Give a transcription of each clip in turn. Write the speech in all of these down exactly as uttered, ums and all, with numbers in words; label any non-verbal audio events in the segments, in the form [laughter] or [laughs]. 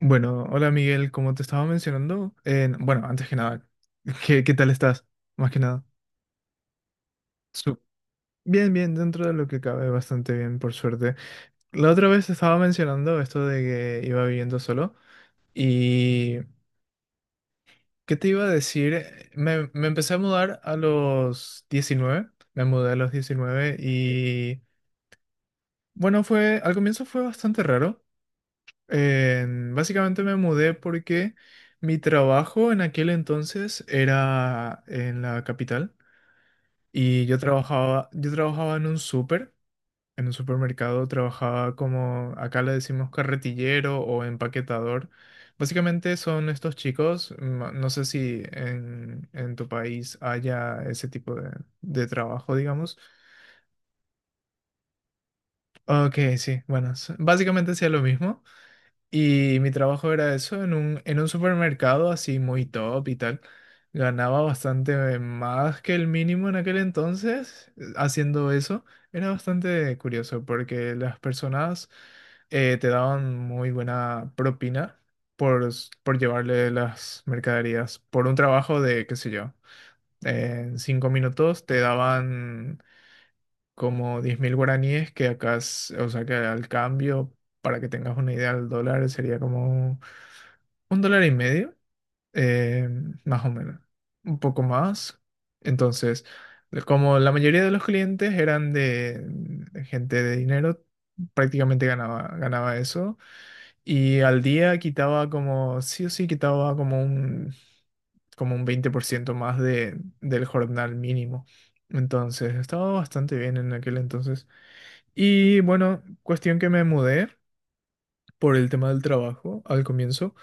Bueno, hola Miguel, como te estaba mencionando, eh, bueno, antes que nada, [laughs] ¿qué, qué tal estás? Más que nada. Su- bien, bien, dentro de lo que cabe, bastante bien, por suerte. La otra vez estaba mencionando esto de que iba viviendo solo y ¿qué te iba a decir? Me, me empecé a mudar a los diecinueve. Me mudé a los diecinueve y bueno, fue, al comienzo fue bastante raro. Eh, básicamente me mudé porque mi trabajo en aquel entonces era en la capital y yo trabajaba, yo trabajaba en un súper, en un supermercado, trabajaba como acá le decimos carretillero o empaquetador. Básicamente son estos chicos, mm, no sé si en, en tu país haya ese tipo de, de trabajo, digamos. Ok, sí, bueno, s- básicamente hacía lo mismo. Y mi trabajo era eso, en un, en un supermercado así muy top y tal. Ganaba bastante más que el mínimo en aquel entonces, eh, haciendo eso. Era bastante curioso porque las personas, eh, te daban muy buena propina por, s- por llevarle las mercaderías. Por un trabajo de, qué sé yo, en cinco minutos te daban como diez mil guaraníes, que acá, es- o sea que al cambio, para que tengas una idea, el dólar sería como un dólar y medio, eh, más o menos, un poco más. Entonces, como la mayoría de los clientes eran de, de gente de dinero, prácticamente ganaba, ganaba eso. Y al día quitaba como, sí o sí, quitaba como un, como un veinte por ciento más de, del jornal mínimo. Entonces, estaba bastante bien en aquel entonces. Y bueno, cuestión que me mudé por el tema del trabajo al comienzo,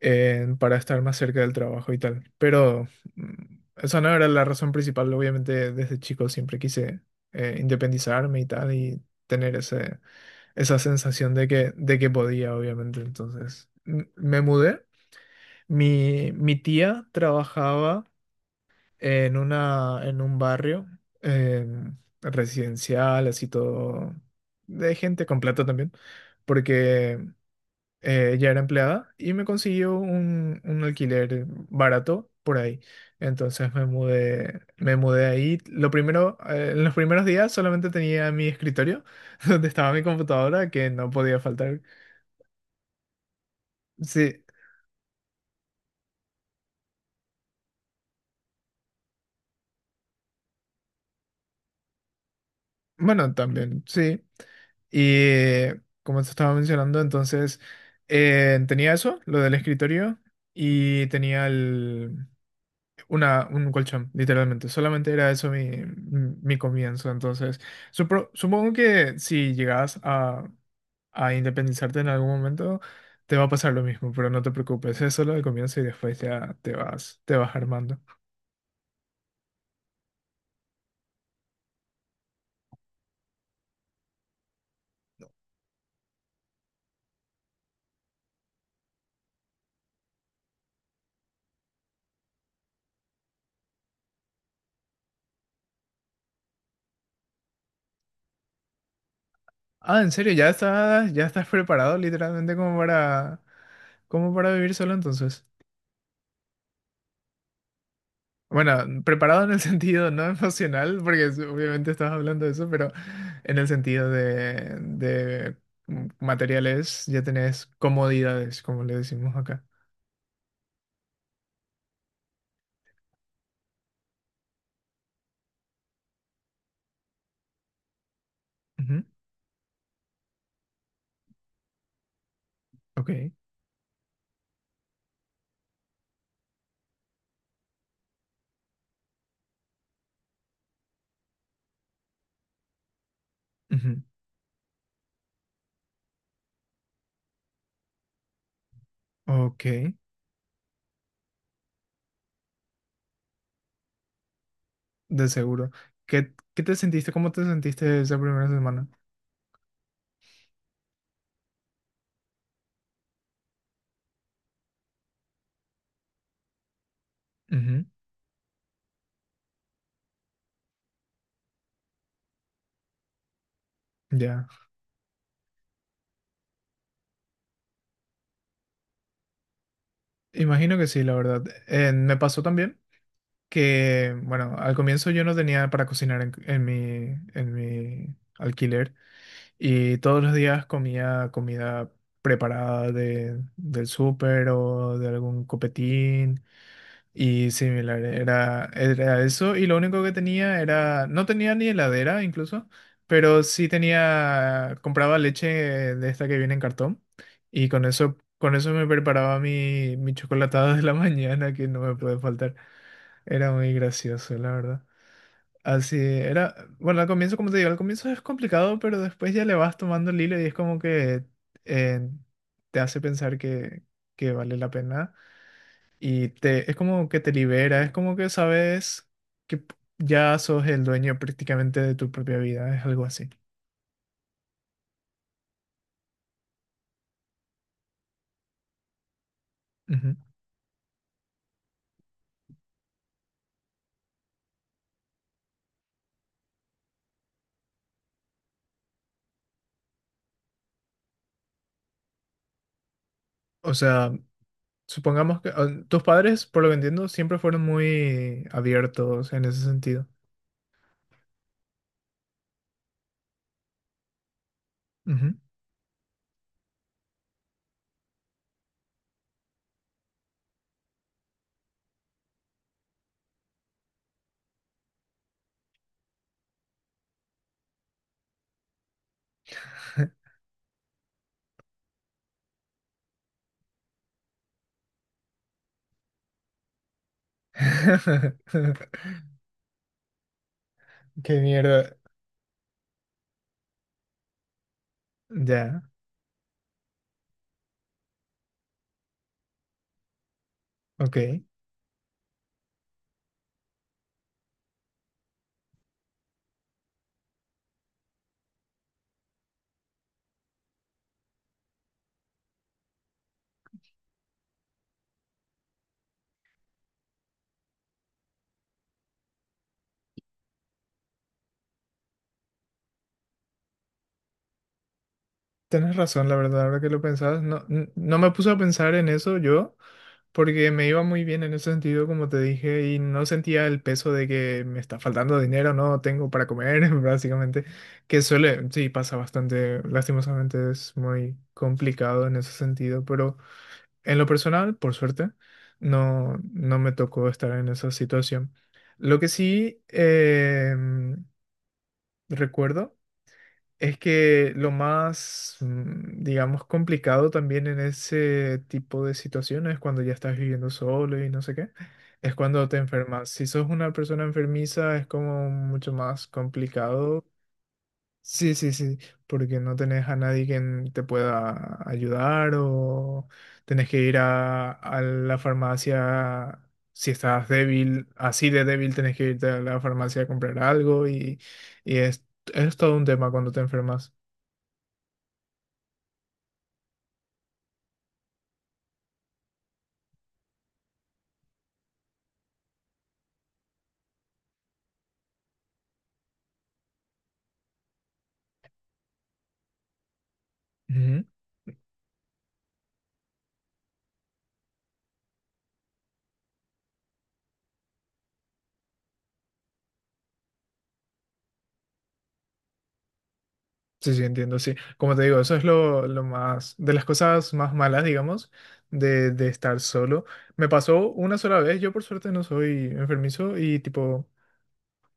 eh, para estar más cerca del trabajo y tal. Pero mm, esa no era la razón principal. Obviamente desde chico siempre quise, eh, independizarme y tal y tener ese, esa sensación de que, de que podía, obviamente. Entonces m- me mudé. Mi, mi tía trabajaba en una, en un barrio, em, residencial, así todo, de gente con plata también. Porque eh, ella era empleada y me consiguió un, un alquiler barato por ahí. Entonces me mudé, me mudé ahí. Lo primero, eh, en los primeros días solamente tenía mi escritorio, [laughs] donde estaba mi computadora, que no podía faltar. Sí, bueno, también, sí. Y eh, como te estaba mencionando, entonces, eh, tenía eso, lo del escritorio, y tenía el, Una, un colchón, literalmente. Solamente era eso mi, mi comienzo. Entonces, supro- supongo que si llegas a, a independizarte en algún momento, te va a pasar lo mismo, pero no te preocupes, es solo el comienzo y después ya te vas, te vas armando. Ah, ¿en serio? ¿Ya estás, ya estás preparado literalmente como para, como para vivir solo entonces? Bueno, preparado en el [laughs] sentido no emocional, porque es- obviamente estás hablando de eso, pero en el sentido de, de materiales ya tenés comodidades, como le decimos acá. Ujú. Ok. Ujú. Ok. De seguro. ¿Qué, qué te sentiste? ¿Cómo te sentiste esa primera semana? Ujú. Ya, imagino que sí, la verdad. Eh, me pasó también que, bueno, al comienzo yo no tenía para cocinar en, en mi, en mi alquiler. Y todos los días comía comida preparada de, del súper o de algún copetín y similar. Era, era eso y lo único que tenía era, no tenía ni heladera incluso, pero sí tenía, compraba leche de esta que viene en cartón y con eso, con eso me preparaba mi, mi chocolatada de la [laughs] mañana que no me puede faltar. Era muy gracioso, la verdad. Así era, bueno, al comienzo, como te digo, al comienzo es complicado, pero después ya le vas tomando el hilo y es como que, eh, te hace pensar que, que vale la pena y te, es como que te libera, es como que sabes que p- ya sos el dueño prácticamente de tu propia vida, es algo así. Ujú. O sea, supongamos que, ah, tus padres, por lo que entiendo, siempre fueron muy abiertos en ese sentido. Ujú. [laughs] Qué mierda. Ya, ok. Tienes razón, la verdad, ahora que lo pensabas, no, n- no me puse a pensar en eso yo, porque me iba muy bien en ese sentido, como te dije, y no sentía el peso de que me está faltando dinero, no tengo para comer, [laughs] básicamente, que suele, sí, pasa bastante, lastimosamente es muy complicado en ese sentido, pero en lo personal, por suerte, no, no me tocó estar en esa situación. Lo que sí, eh, recuerdo es que lo más, mm, digamos, complicado también en ese tipo de situaciones, cuando ya estás viviendo solo y no sé qué, es cuando te enfermas. Si sos una persona enfermiza, es como mucho más complicado. Sí, sí, sí, porque no tenés a nadie quien te pueda ayudar o tenés que ir a, a la farmacia. Si estás débil, así de débil, tenés que irte a la farmacia a comprar algo y, y es, es todo un tema cuando te enfermas. Ujú. Sí, sí, entiendo, sí. Como te digo, eso es lo, lo más, de las cosas más malas, digamos, de, de estar solo. Me pasó una sola vez, yo por suerte no soy enfermizo y tipo,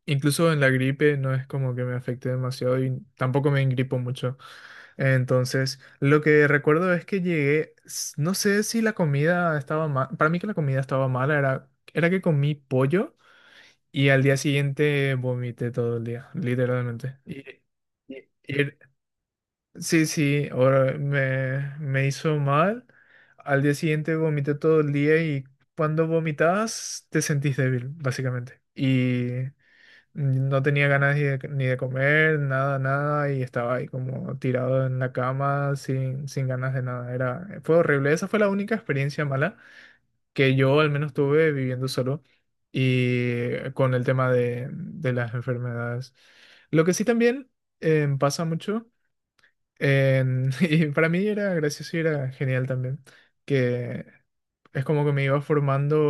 incluso en la gripe no es como que me afecte demasiado y tampoco me engripo mucho. Entonces, lo que recuerdo es que llegué, s- no sé si la comida estaba mal, para mí que la comida estaba mala, era, era que comí pollo y al día siguiente vomité todo el día, literalmente. Y- y- y Sí, sí, ahora me, me hizo mal. Al día siguiente vomité todo el día y cuando vomitas te sentís débil, básicamente. Y no tenía ganas ni de, ni de comer, nada, nada, y estaba ahí como tirado en la cama sin, sin ganas de nada. Era, fue horrible. Esa fue la única experiencia mala que yo al menos tuve viviendo solo y con el tema de, de las enfermedades. Lo que sí también, eh, pasa mucho, en- [laughs] y para mí era gracioso y era genial también, que es como que me iba formando,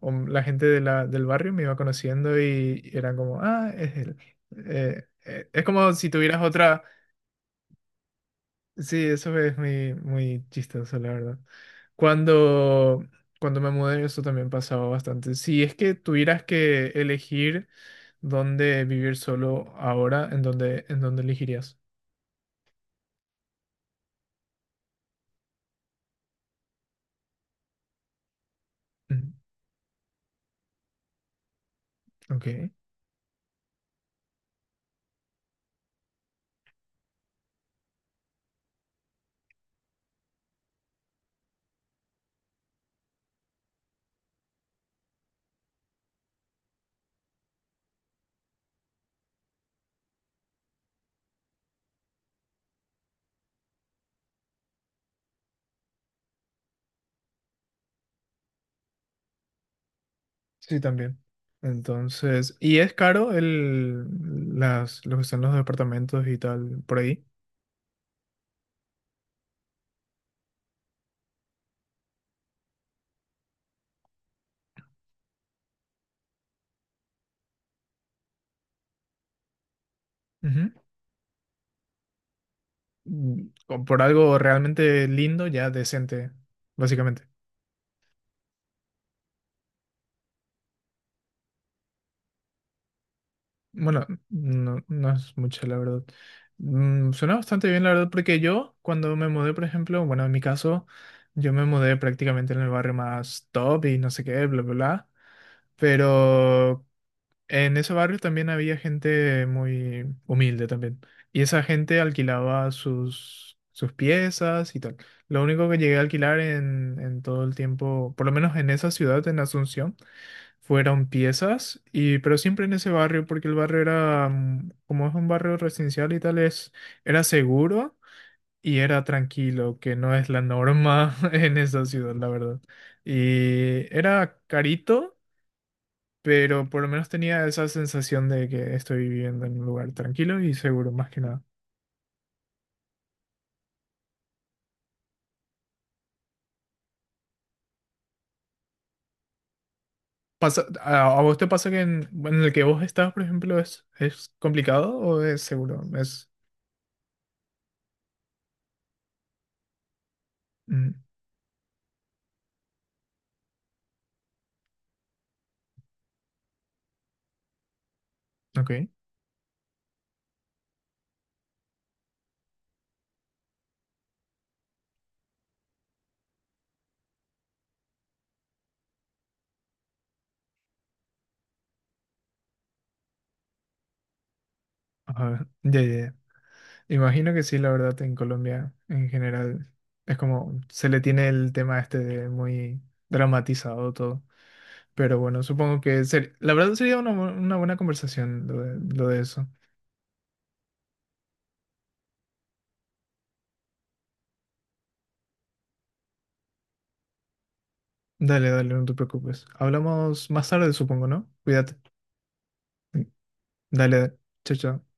o la gente de la, del barrio me iba conociendo y eran como, ah, es él. Eh, eh, es como si tuvieras otra... Sí, eso es muy, muy chistoso, la verdad. Cuando, cuando me mudé, eso también pasaba bastante. Si es que tuvieras que elegir dónde vivir solo ahora, ¿en dónde, en dónde elegirías? Ujú. Ok. Sí, también. Entonces, y es caro el, las, lo que son los departamentos y tal por ahí. Ujú. Mm, o por algo realmente lindo, ya decente, básicamente. Bueno, no, no es mucho, la verdad. Mm, Suena bastante bien, la verdad, porque yo cuando me mudé, por ejemplo, bueno, en mi caso, yo me mudé prácticamente en el barrio más top y no sé qué, bla, bla, bla. Pero en ese barrio también había gente muy humilde también. Y esa gente alquilaba sus, sus piezas y tal. Lo único que llegué a alquilar en, en todo el tiempo, por lo menos en esa ciudad, en Asunción, fueron piezas, y, pero siempre en ese barrio, porque el barrio era, mm, como es un barrio residencial y tal, es, era seguro y era tranquilo, que no es la norma [laughs] en esa ciudad, la verdad. Y era carito, pero por lo menos tenía esa sensación de que estoy viviendo en un lugar tranquilo y seguro, más que nada. Pasa, ¿a, a vos te pasa que en, bueno, en el que vos estás, por ejemplo, es, es complicado o es seguro? Es... mm, ok, ajá, ya, ya, ya. Imagino que sí, la verdad, en Colombia en general es como se le tiene el tema este de muy dramatizado todo. Pero bueno, supongo que ser- la verdad sería una, bu- una buena conversación lo de, lo de eso. Dale, dale, no te preocupes. Hablamos más tarde, supongo, ¿no? Cuídate. Dale, dale. Chao, chao.